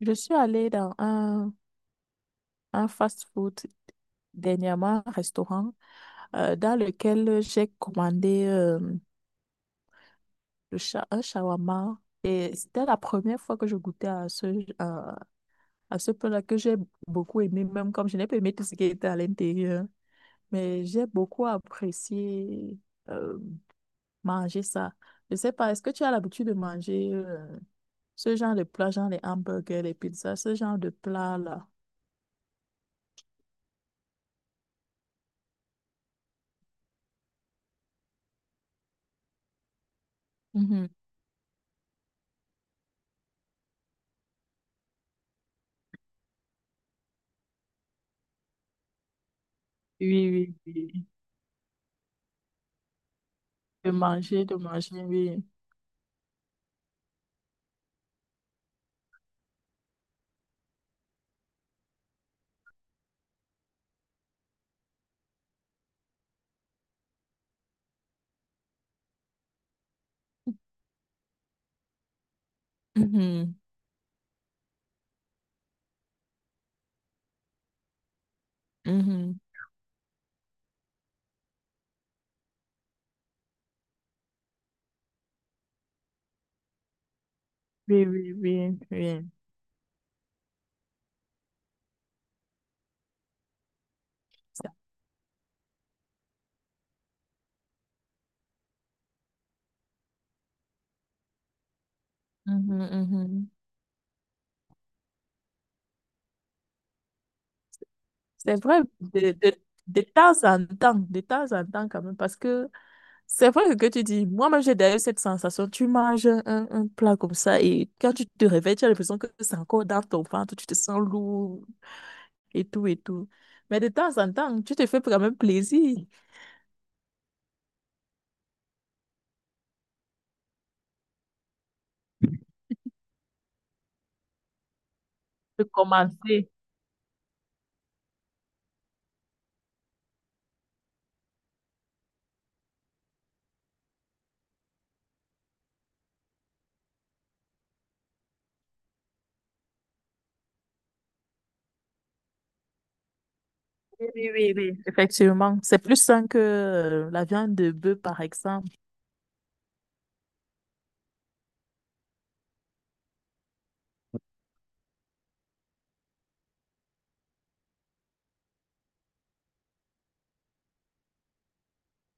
Je suis allée dans un fast-food dernièrement, un restaurant, dans lequel j'ai commandé un shawarma. Et c'était la première fois que je goûtais à, à ce plat que j'ai beaucoup aimé, même comme je n'ai pas aimé tout ce qui était à l'intérieur. Mais j'ai beaucoup apprécié euh, manger ça. Je sais pas, est-ce que tu as l'habitude de manger ce genre de plat, genre les hamburgers, les pizzas, ce genre de plat-là? Mhm. Oui, oui, oui. De manger, oui. Mhm, mhm. Oui, oui, oui, oui. Ça- mhm, mhm. C'est vrai, de temps en temps, de temps en temps quand même, parce que c'est vrai que tu dis, moi-même j'ai d'ailleurs cette sensation, tu manges un plat comme ça et quand tu te réveilles, tu as l'impression que c'est encore dans ton ventre, tu te sens lourd et tout et tout. Mais de temps en temps, tu te fais quand même plaisir de commencer. Oui, oui, oui, oui. Effectivement, c'est plus sain que la viande de bœuf, par exemple.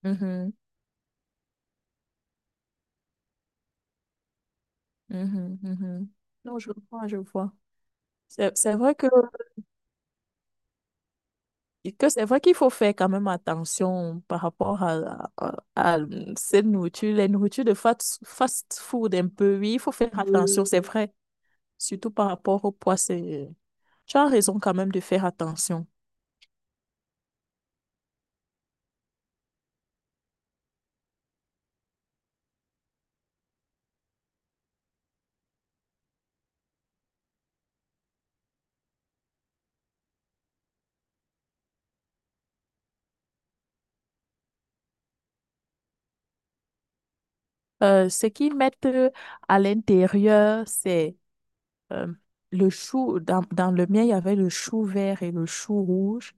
Mhm, mhm, mhm. Non, je vois, je vois. C'est vrai que c'est vrai qu'il faut faire quand même attention par rapport à cette nourriture, les nourritures de fast food un peu. Oui, il faut faire attention, c'est vrai. Surtout par rapport au poids. Tu as raison quand même de faire attention. Ce qu'ils mettent à l'intérieur, c'est euh, le chou, dans le mien, il y avait le chou vert et le chou rouge.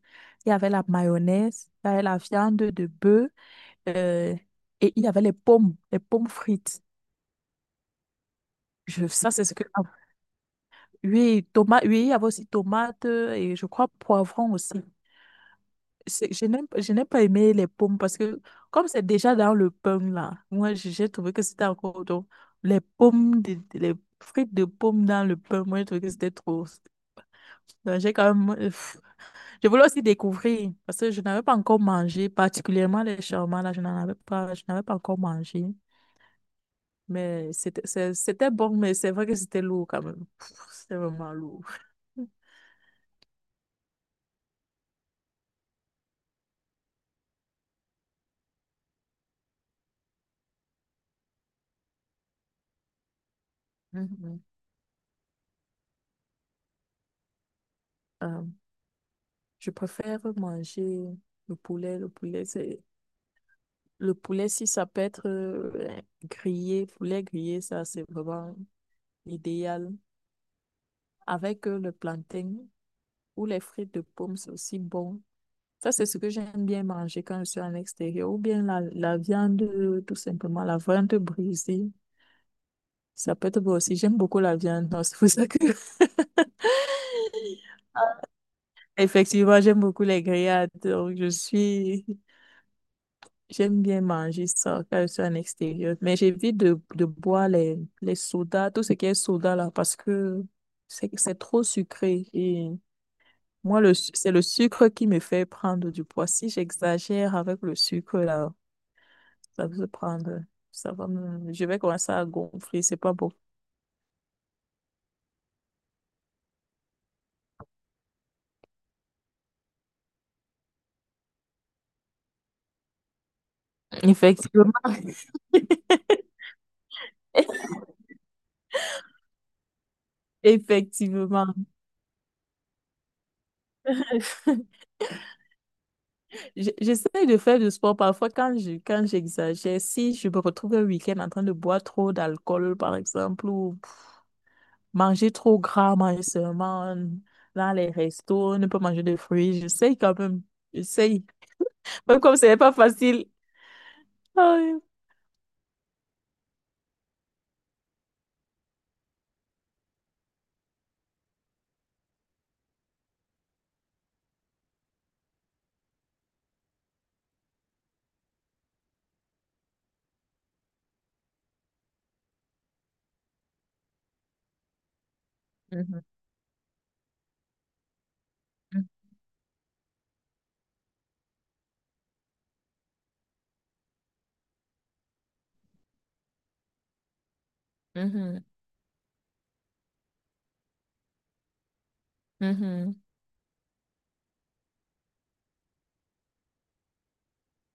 Il y avait la mayonnaise, il y avait la viande de bœuf, euh, et il y avait les pommes frites. Ça, c'est ce que... Ah, oui, tomate, oui, il y avait aussi tomate et je crois poivron aussi. Je n'ai pas aimé les pommes parce que comme c'est déjà dans le pain là, moi j'ai trouvé que c'était encore trop. Les pommes, les frites de pommes dans le pain, moi j'ai trouvé que c'était trop. Donc, j'ai quand même. Je voulais aussi découvrir parce que je n'avais pas encore mangé, particulièrement les shawarma, là, je n'avais pas encore mangé. Mais c'était bon, mais c'est vrai que c'était lourd quand même. C'était vraiment lourd. Mhm. Euh, je préfère manger le poulet. Le poulet, c'est Le poulet, si ça peut être grillé, poulet grillé, ça c'est vraiment idéal. Avec le plantain ou les frites de pomme, c'est aussi bon. Ça, c'est ce que j'aime bien manger quand je suis en extérieur. Ou bien la viande, tout simplement, la viande brisée. Ça peut être bon aussi. J'aime beaucoup la viande, donc c'est pour ça que... Effectivement, j'aime beaucoup les grillades. Donc, je suis J'aime bien manger ça quand je suis en extérieur, mais j'évite de boire les sodas, tout ce qui est soda là, parce que c'est trop sucré. Et moi, c'est le sucre qui me fait prendre du poids. Si j'exagère avec le sucre là, ça va se prendre, ça va me- je vais commencer à gonfler, c'est pas beau. Effectivement. Effectivement. J'essaie de faire du sport parfois quand j'exagère. Si je me retrouve un week-end en train de boire trop d'alcool, par exemple, ou manger trop gras, manger seulement dans les restos, ne pas manger de fruits, j'essaie quand même. J'essaie. Même comme ce n'est pas facile. Aïe. Mhm, mhm, mhm.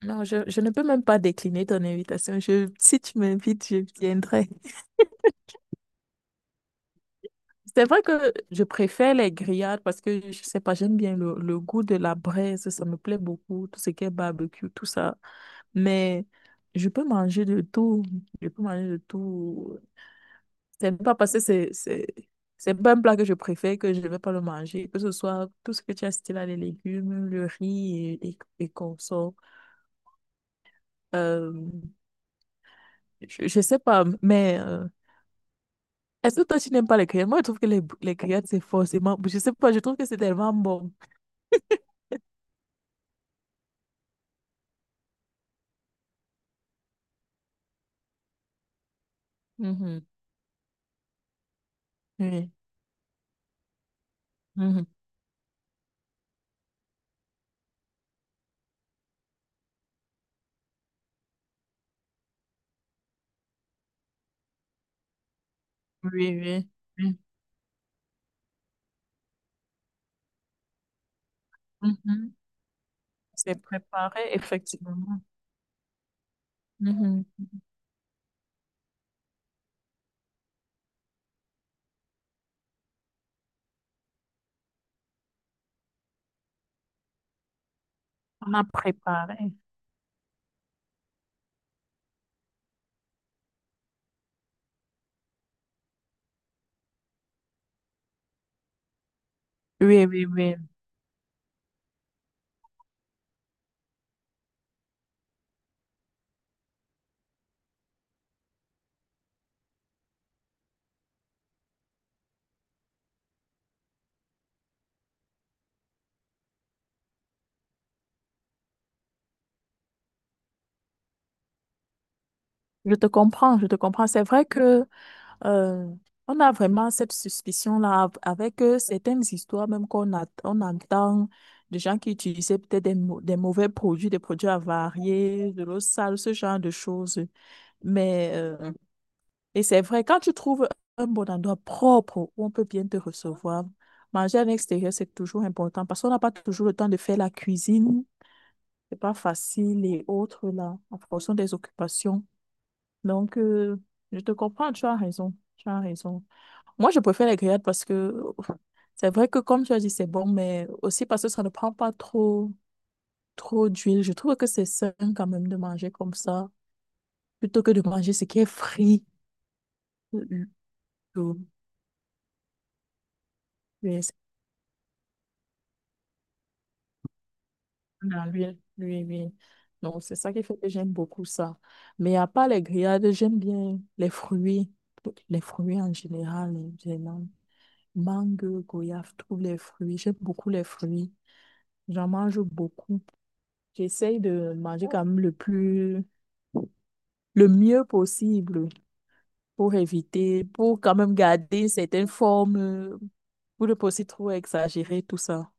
Non, je ne peux même pas décliner ton invitation. Si tu m'invites, je viendrai. C'est vrai que je préfère les grillades parce que je sais pas, j'aime bien le goût de la braise, ça me plaît beaucoup, tout ce qui est barbecue, tout ça. Mais je peux manger de tout, je peux manger de tout. C'est pas parce que c'est pas un plat que je préfère que je ne vais pas le manger, que ce soit tout ce que tu as cité là, les légumes, le riz et qu'on. Euh, je sais pas, mais est-ce que toi tu n'aimes pas les grillades? Moi je trouve que les grillades c'est forcément, je sais pas, je trouve que c'est tellement bon. Mhm. Oui. Mhm. Oui, oui, oui. Mhm. C'est préparé, effectivement. Mhm. On a préparé. Oui, oui, oui. Je te comprends, je te comprends. C'est vrai que euh, on a vraiment cette suspicion-là avec certaines histoires, même on entend de gens qui utilisaient peut-être des mauvais produits, des produits avariés, de l'eau sale, ce genre de choses. Mais euh, Et c'est vrai, quand tu trouves un bon endroit propre où on peut bien te recevoir, manger à l'extérieur, c'est toujours important parce qu'on n'a pas toujours le temps de faire la cuisine. C'est pas facile et autres là, en fonction des occupations. Donc, je te comprends, tu as raison. Tu as raison. Moi, je préfère les grillades parce que c'est vrai que, comme tu as dit, c'est bon, mais aussi parce que ça ne prend pas trop, trop d'huile. Je trouve que c'est sain quand même de manger comme ça plutôt que de manger ce qui est frit. Euh, euh, Mais à l'huile, l'huile, l'huile. Donc, c'est ça qui fait que j'aime beaucoup ça. Mais à part les grillades, j'aime bien les fruits en général, vraiment. Mangue, goyave, tous les fruits. J'aime beaucoup les fruits. J'en mange beaucoup. J'essaye de manger quand même le plus, le mieux possible pour éviter, pour quand même garder certaines formes, pour ne pas aussi trop exagérer tout ça.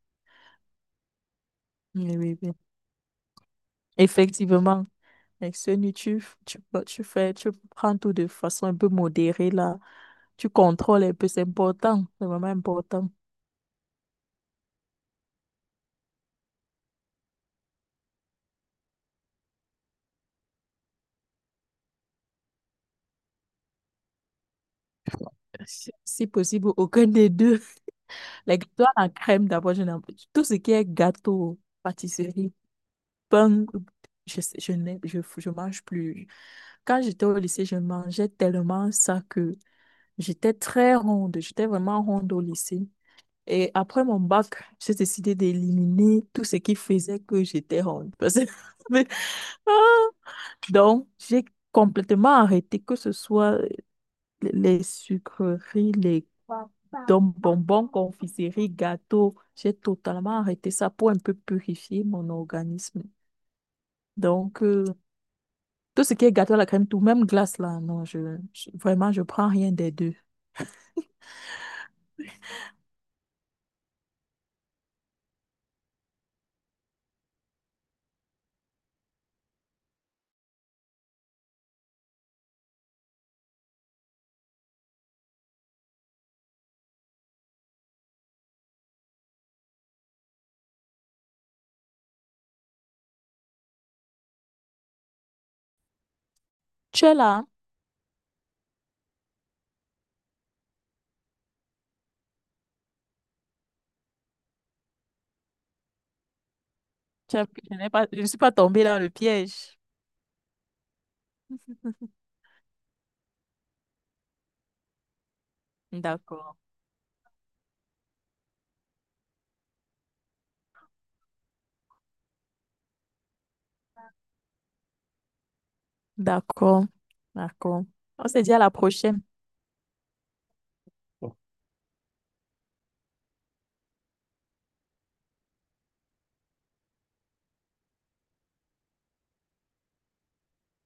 Oui, oui, oui. Effectivement. Avec ce nu, bah, tu prends tout de façon un peu modérée, là. Tu contrôles un peu, c'est important. C'est vraiment important. Si possible, aucun des deux. Les gâteaux à la crème, d'abord, je n'aime pas. Tout ce qui est gâteau, pâtisserie, pain, je, sais- je, n'ai- je mange plus. Quand j'étais au lycée, je mangeais tellement ça que j'étais très ronde. J'étais vraiment ronde au lycée. Et après mon bac, j'ai décidé d'éliminer tout ce qui faisait que j'étais ronde. Parce que Donc, j'ai complètement arrêté que ce soit les sucreries, les donc bonbons, confiseries, gâteaux. J'ai totalement arrêté ça pour un peu purifier mon organisme. Donc, tout ce qui est gâteau à la crème, tout, même glace là, non, vraiment, je prends rien des deux. Tu es là, hein? Tu as- Je n'ai pas... je ne suis pas tombée dans le piège. D'accord. D'accord. D'accord. On se dit à la prochaine.